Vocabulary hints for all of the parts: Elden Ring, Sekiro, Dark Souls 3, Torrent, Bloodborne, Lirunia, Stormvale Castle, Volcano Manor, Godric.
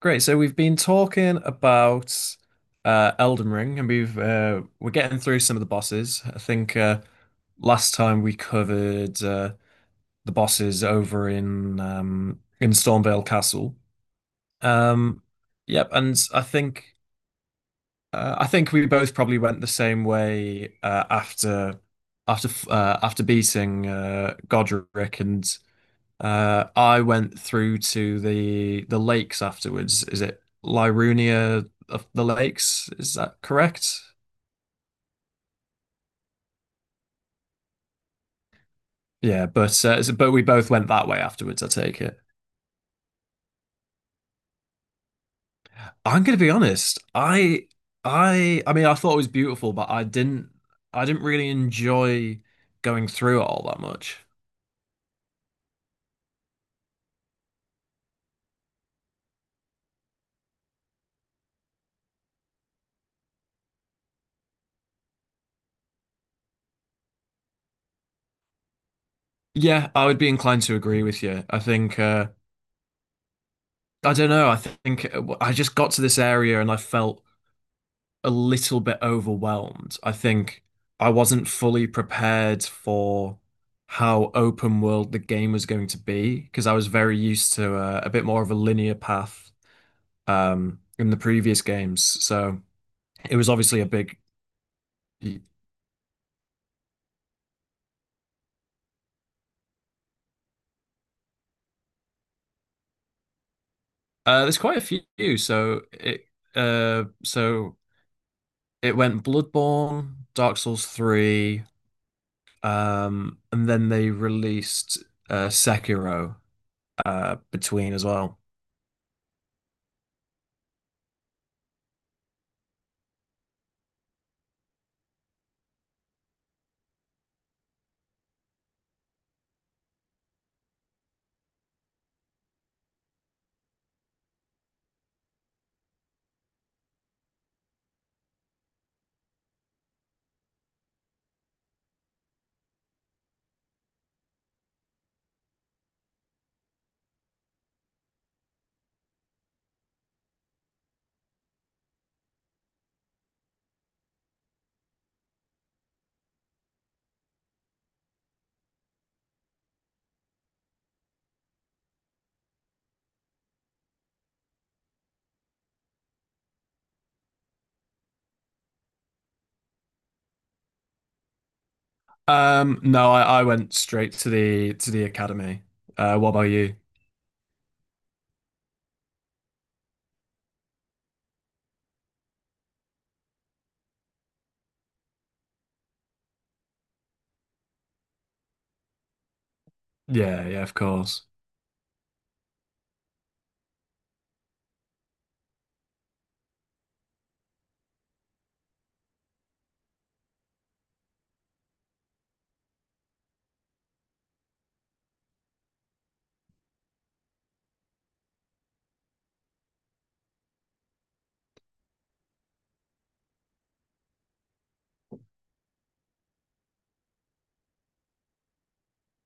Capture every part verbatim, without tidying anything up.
Great. So we've been talking about uh, Elden Ring, and we've uh, we're getting through some of the bosses. I think uh, last time we covered uh, the bosses over in um, in Stormvale Castle. Um, yep, and I think uh, I think we both probably went the same way uh, after after uh, after beating uh, Godric and uh, I went through to the the lakes afterwards. Is it Lirunia of the lakes? Is that correct? Yeah, but uh, so- but we both went that way afterwards, I take it. I'm gonna be honest. I I I mean I thought it was beautiful, but I didn't I didn't really enjoy going through it all that much. Yeah, I would be inclined to agree with you. I think uh I don't know, I think uh, I just got to this area and I felt a little bit overwhelmed. I think I wasn't fully prepared for how open world the game was going to be because I was very used to uh, a bit more of a linear path um, in the previous games. So it was obviously a big. Uh, there's quite a few. So it uh, so it went Bloodborne, Dark Souls three, um, and then they released uh, Sekiro uh, between as well. Um, no, I, I went straight to the to the academy. Uh, what about you? Yeah, yeah, of course.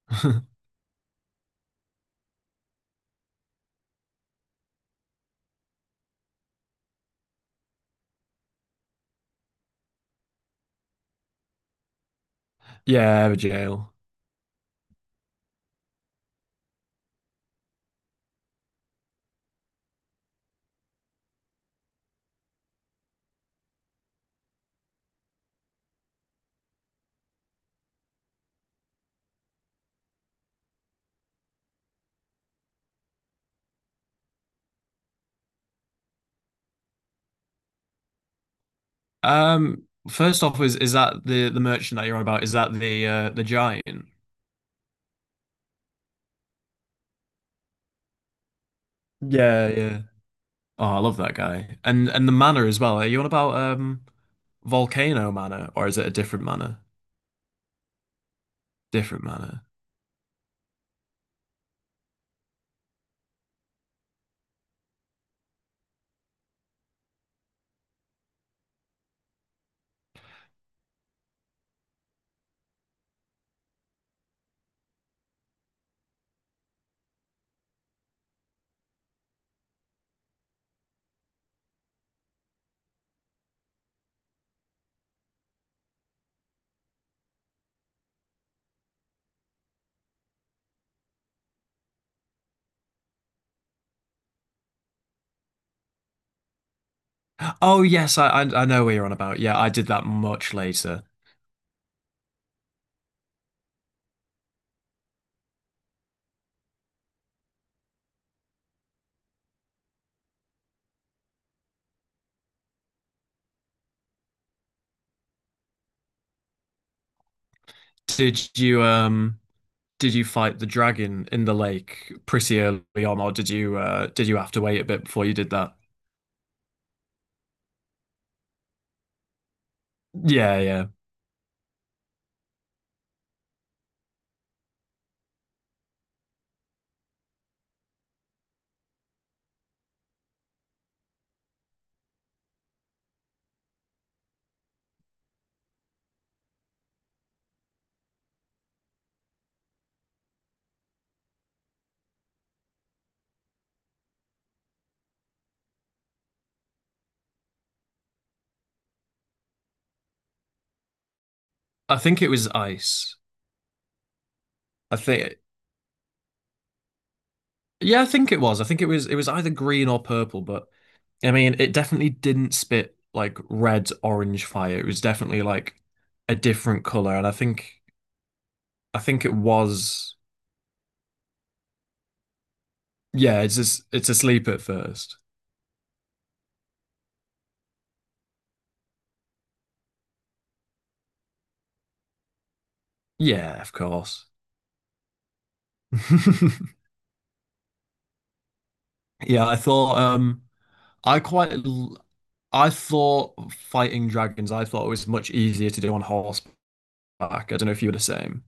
Yeah, the jail. Um, first off, is is that the the merchant that you're on about? Is that the uh the giant? Yeah, yeah. Oh, I love that guy. And and the manor as well. Are you on about um Volcano Manor or is it a different manor? Different manor. Oh yes, I I, I know what you're on about. Yeah, I did that much later. Did you um? Did you fight the dragon in the lake pretty early on, or did you uh did you have to wait a bit before you did that? Yeah, yeah. I think it was ice. I think yeah, I think it was. I think it was it was either green or purple, but I mean it definitely didn't spit like red orange fire. It was definitely like a different color, and I think I think it was yeah, it's just, it's asleep at first. Yeah, of course. Yeah, I thought um I quite l- I thought fighting dragons, I thought it was much easier to do on horseback. I don't know if you were the same.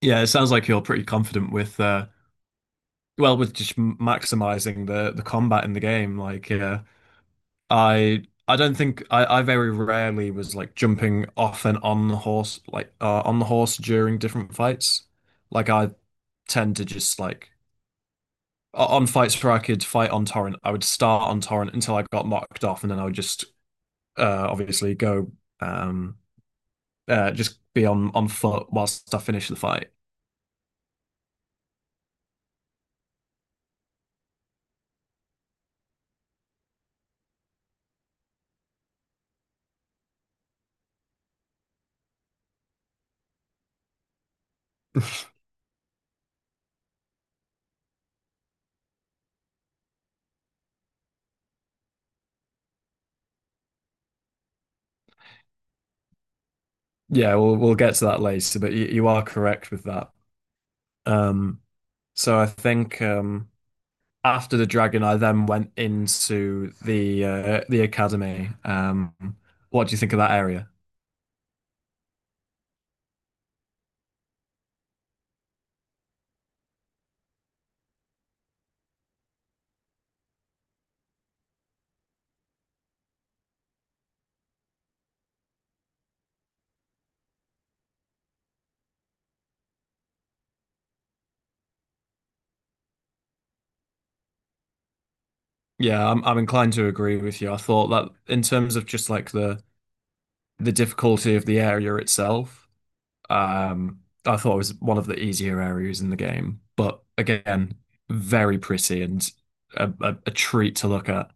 Yeah, it sounds like you're pretty confident with uh well with just maximizing the the combat in the game. Like yeah, I I don't think I, I very rarely was like jumping off and on the horse like uh, on the horse during different fights. Like I tend to just like o- on fights where I could fight on torrent, I would start on torrent until I got knocked off and then I would just uh obviously go um uh, just be on on foot whilst I finish the fight. Yeah, we'll we'll get to that later, but you, you are correct with that. Um, so I think um, after the dragon, I then went into the uh, the academy. Um, what do you think of that area? Yeah, I'm I'm inclined to agree with you. I thought that in terms of just like the the difficulty of the area itself, um, I thought it was one of the easier areas in the game, but again, very pretty and a, a, a treat to look at.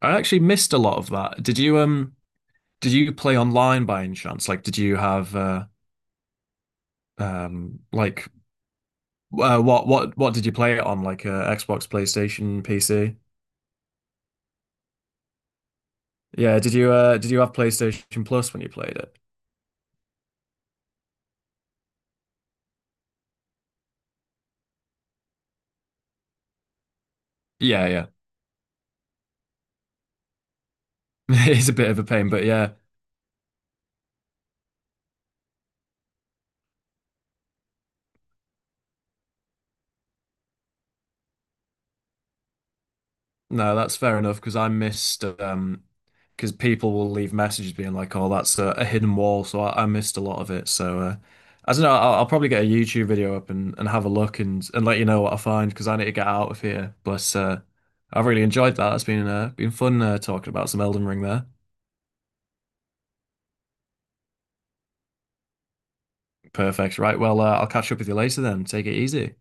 I actually missed a lot of that. Did you um did you play online by any chance? Like, did you have uh um like uh, what what what did you play it on? Like uh, Xbox, PlayStation, P C? Yeah, did you uh did you have PlayStation Plus when you played it? Yeah, yeah. It's a bit of a pain, but yeah. No, that's fair enough because I missed um because people will leave messages being like, "Oh, that's a, a hidden wall," so I, I missed a lot of it. So uh, I don't know. I'll, I'll probably get a YouTube video up and, and have a look and and let you know what I find because I need to get out of here. But uh, I've really enjoyed that. It's been uh, been fun uh, talking about some Elden Ring there. Perfect. Right. Well, uh, I'll catch up with you later then. Take it easy.